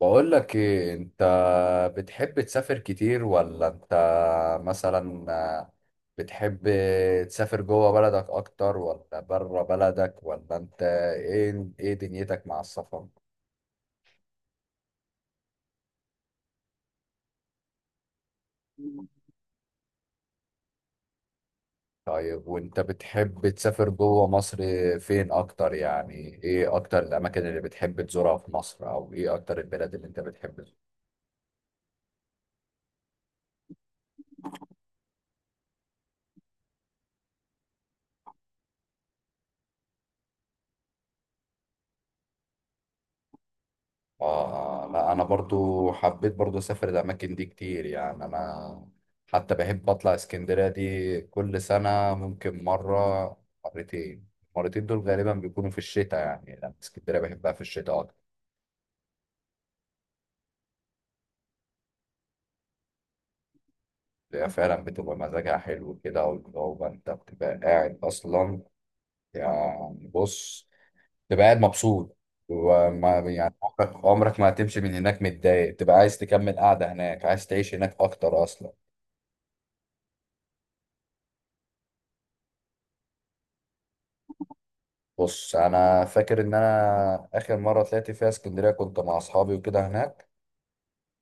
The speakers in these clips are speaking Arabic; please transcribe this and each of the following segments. بقول لك ايه انت؟ بتحب تسافر كتير ولا انت مثلا بتحب تسافر جوه بلدك اكتر ولا بره بلدك؟ ولا انت ايه دنيتك مع السفر؟ طيب وانت بتحب تسافر جوه مصر؟ فين اكتر يعني؟ ايه اكتر الاماكن اللي بتحب تزورها في مصر؟ او ايه اكتر البلاد اللي انت بتحب؟ اه. لا انا برضو حبيت برضو اسافر الاماكن دي كتير، يعني انا حتى بحب اطلع اسكندرية دي كل سنة، ممكن مرة، مرتين. المرتين دول غالبا بيكونوا في الشتاء، يعني لان اسكندرية بحبها في الشتاء اكتر. هي فعلا بتبقى مزاجها حلو كده، والجو انت بتبقى قاعد اصلا، يعني بص، تبقى قاعد مبسوط. وما يعني عمرك عمرك ما هتمشي من هناك متضايق، تبقى عايز تكمل قاعدة هناك، عايز تعيش هناك اكتر اصلا. بص، انا فاكر ان انا اخر مره طلعت فيها اسكندريه كنت مع اصحابي وكده هناك.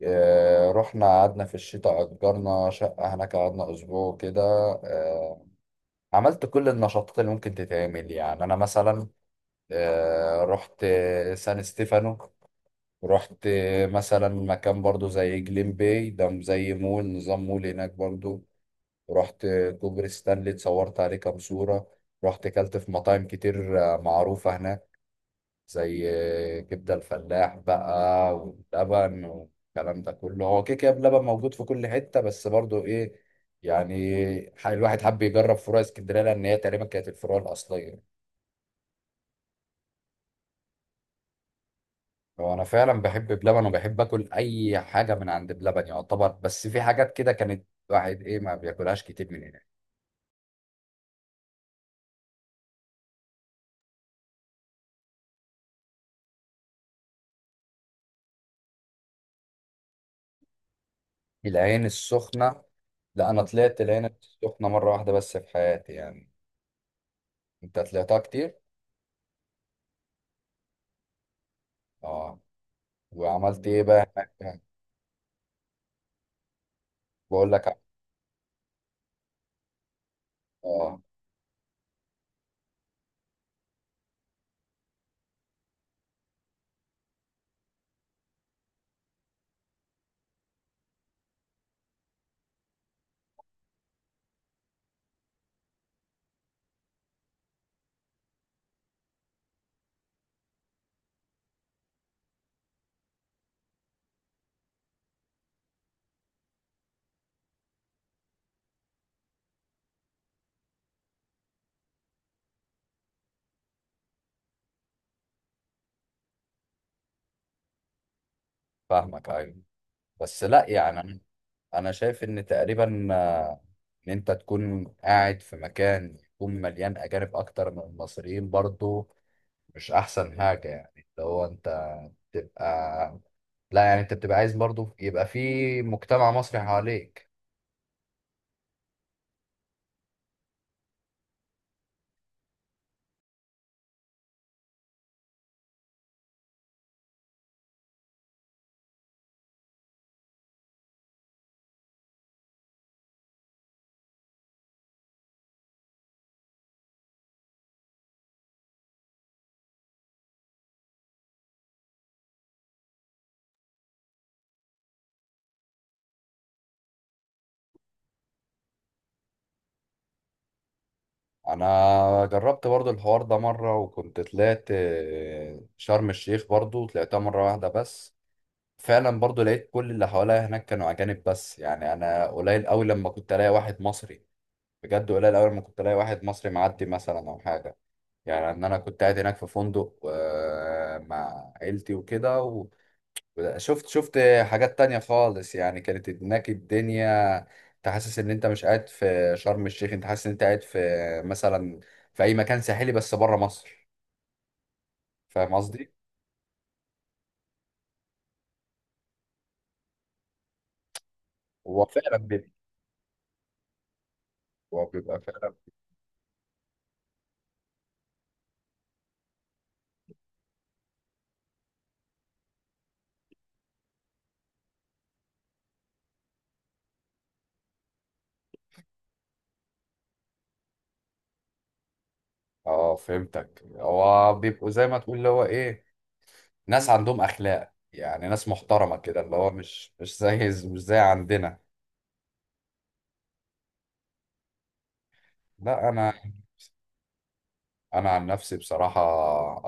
رحنا قعدنا في الشتاء، اجرنا شقه هناك، قعدنا اسبوع كده. آه، عملت كل النشاطات اللي ممكن تتعمل، يعني انا مثلا رحت سان ستيفانو، رحت مثلا مكان برضو زي جليم باي ده، زي مول نظام، مول هناك برضو، رحت كوبري ستانلي اتصورت عليه كام صوره، رحت كلت في مطاعم كتير معروفه هناك، زي كبدة الفلاح بقى واللبن والكلام ده كله. هو كيكة بلبن موجود في كل حتة، بس برضو ايه يعني، الواحد حب يجرب فروع اسكندرية، لأن هي تقريبا كانت الفروع الأصلية. هو أنا فعلا بحب بلبن، وبحب آكل أي حاجة من عند بلبن يعتبر، بس في حاجات كده كانت الواحد ايه، ما بياكلهاش كتير من هناك. العين السخنة، لا أنا طلعت العين السخنة مرة واحدة بس في حياتي يعني. أنت طلعتها كتير؟ اه. وعملت ايه بقى هناك؟ بقول لك. اه، فاهمك، ايوه، بس لا يعني انا، أنا شايف ان تقريبا ان انت تكون قاعد في مكان يكون مليان اجانب اكتر من المصريين برضو مش احسن حاجه يعني، اللي هو انت تبقى، لا يعني انت بتبقى عايز برضو يبقى في مجتمع مصري حواليك. انا جربت برضو الحوار ده مره، وكنت طلعت شرم الشيخ برضو، طلعتها مره واحده بس. فعلا برضو لقيت كل اللي حواليا هناك كانوا اجانب بس، يعني انا قليل قوي لما كنت الاقي واحد مصري، بجد قليل أول ما كنت ألاقي واحد مصري معدي مثلا أو حاجة، يعني إن أنا كنت قاعد هناك في فندق مع عيلتي وكده، وشفت، حاجات تانية خالص يعني، كانت هناك الدنيا، أنت حاسس إن أنت مش قاعد في شرم الشيخ، أنت حاسس إن أنت قاعد في مثلا، في أي مكان ساحلي بس بره مصر. فاهم قصدي؟ هو فعلا بيبقى. هو بيبقى فعلا. اه، فهمتك، هو بيبقوا زي ما تقول اللي هو ايه، ناس عندهم اخلاق، يعني ناس محترمة كده، اللي هو مش زي عندنا. لا انا عن نفسي بصراحه،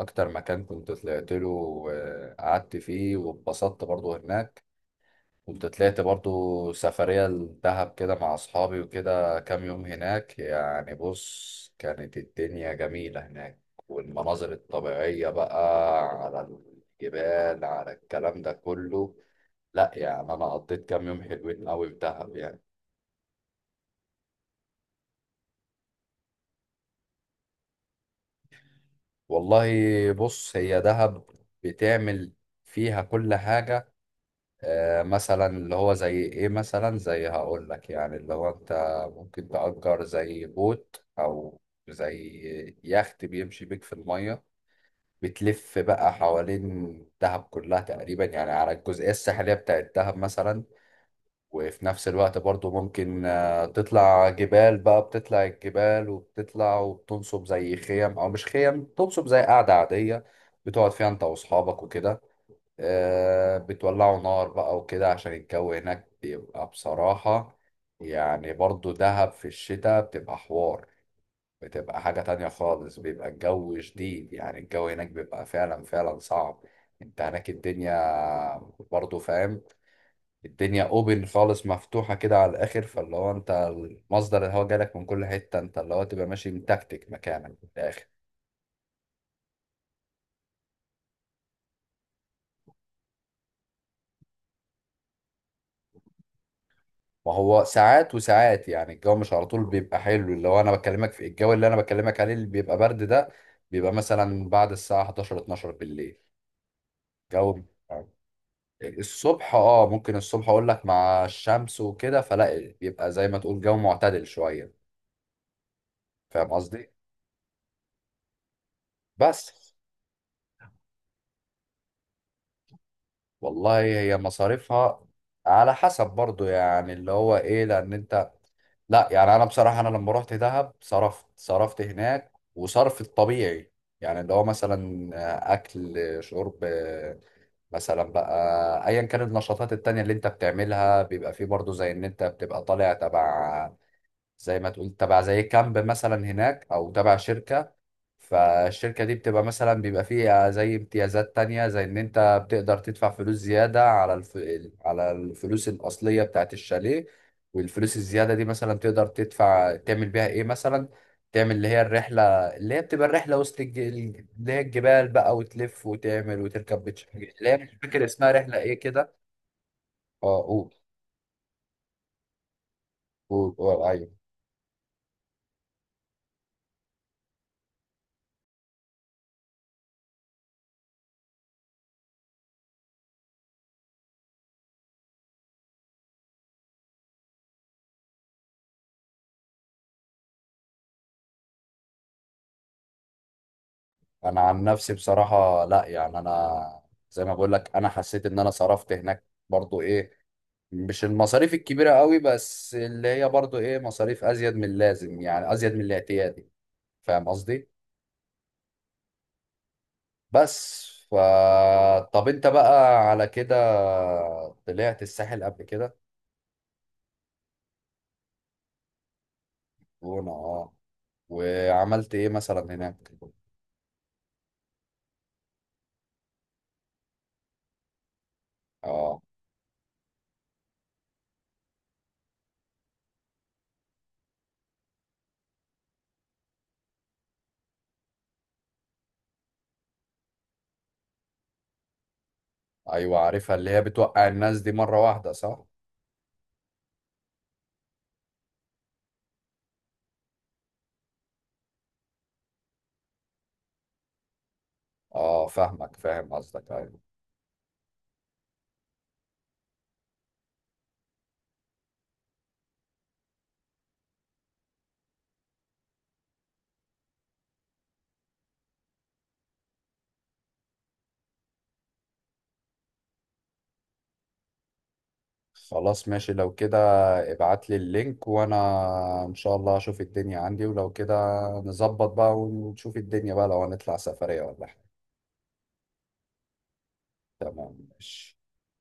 اكتر مكان كنت طلعت له وقعدت فيه واتبسطت برضو هناك، كنت طلعت برضو سفريه لدهب كده مع اصحابي وكده كام يوم هناك. يعني بص، كانت الدنيا جميله هناك، والمناظر الطبيعيه بقى، على الجبال، على الكلام ده كله. لا يعني انا قضيت كام يوم حلوين قوي في دهب يعني. والله بص، هي دهب بتعمل فيها كل حاجه. مثلا اللي هو زي ايه مثلا، زي هقول لك يعني، اللي هو انت ممكن تأجر زي بوت، او زي يخت بيمشي بيك في المية، بتلف بقى حوالين دهب كلها تقريبا، يعني على الجزئية الساحلية بتاعت دهب مثلا. وفي نفس الوقت برضو ممكن تطلع جبال بقى، بتطلع الجبال، وبتطلع وبتنصب زي خيم، او مش خيم، تنصب زي قعدة عادية بتقعد فيها انت واصحابك وكده. بتولعوا نار بقى وكده، عشان الجو هناك بيبقى بصراحة، يعني برضو دهب في الشتاء بتبقى حوار، بتبقى حاجة تانية خالص، بيبقى الجو شديد، يعني الجو هناك بيبقى فعلا فعلا صعب. انت هناك الدنيا برضو فاهم، الدنيا اوبن خالص، مفتوحة كده على الاخر، فاللي هو انت مصدر الهواء جالك من كل حتة، انت اللي هو تبقى ماشي متكتك مكانك في الاخر. ما هو ساعات وساعات يعني، الجو مش على طول بيبقى حلو، اللي هو انا بكلمك في الجو، اللي انا بكلمك عليه اللي بيبقى برد ده، بيبقى مثلا بعد الساعة 11، 12 بالليل، جو. الصبح اه ممكن الصبح اقول لك، مع الشمس وكده فلا، بيبقى زي ما تقول جو معتدل شوية. فاهم قصدي؟ بس. والله هي مصاريفها على حسب برضو، يعني اللي هو ايه، لان انت، لا يعني انا بصراحه انا لما رحت دهب صرفت هناك وصرف الطبيعي، يعني اللي هو مثلا اكل، شرب، مثلا بقى ايا كانت النشاطات التانية اللي انت بتعملها، بيبقى فيه برضو زي ان انت بتبقى طالع تبع، زي ما تقول تبع زي كامب مثلا هناك، او تبع شركة. فالشركة دي بتبقى مثلا بيبقى فيها زي امتيازات تانية، زي إن أنت بتقدر تدفع فلوس زيادة على على الفلوس الأصلية بتاعت الشاليه، والفلوس الزيادة دي مثلا تقدر تدفع تعمل بيها إيه مثلا، تعمل اللي هي الرحلة، اللي هي بتبقى الرحلة وسط اللي هي الجبال بقى، وتلف وتعمل وتركب بيتش، اللي هي مش فاكر اسمها رحلة إيه كده. أه قول، قول، قول، أيوه. أنا عن نفسي بصراحة لأ، يعني أنا زي ما بقول لك، أنا حسيت إن أنا صرفت هناك برضو إيه، مش المصاريف الكبيرة قوي، بس اللي هي برضو ايه، مصاريف ازيد من اللازم، يعني ازيد من الاعتيادي. فاهم قصدي؟ بس ف، طب انت بقى على كده طلعت الساحل قبل كده؟ وانا اه. وعملت ايه مثلا هناك؟ اه، ايوه عارفها، اللي هي بتوقع الناس دي مرة واحدة صح؟ اه، فاهمك، فاهم قصدك، ايوه. خلاص ماشي لو كده، ابعت لي اللينك، وانا ان شاء الله اشوف الدنيا عندي، ولو كده نظبط بقى ونشوف الدنيا بقى، لو هنطلع سفرية ولا حاجة. تمام، ماشي.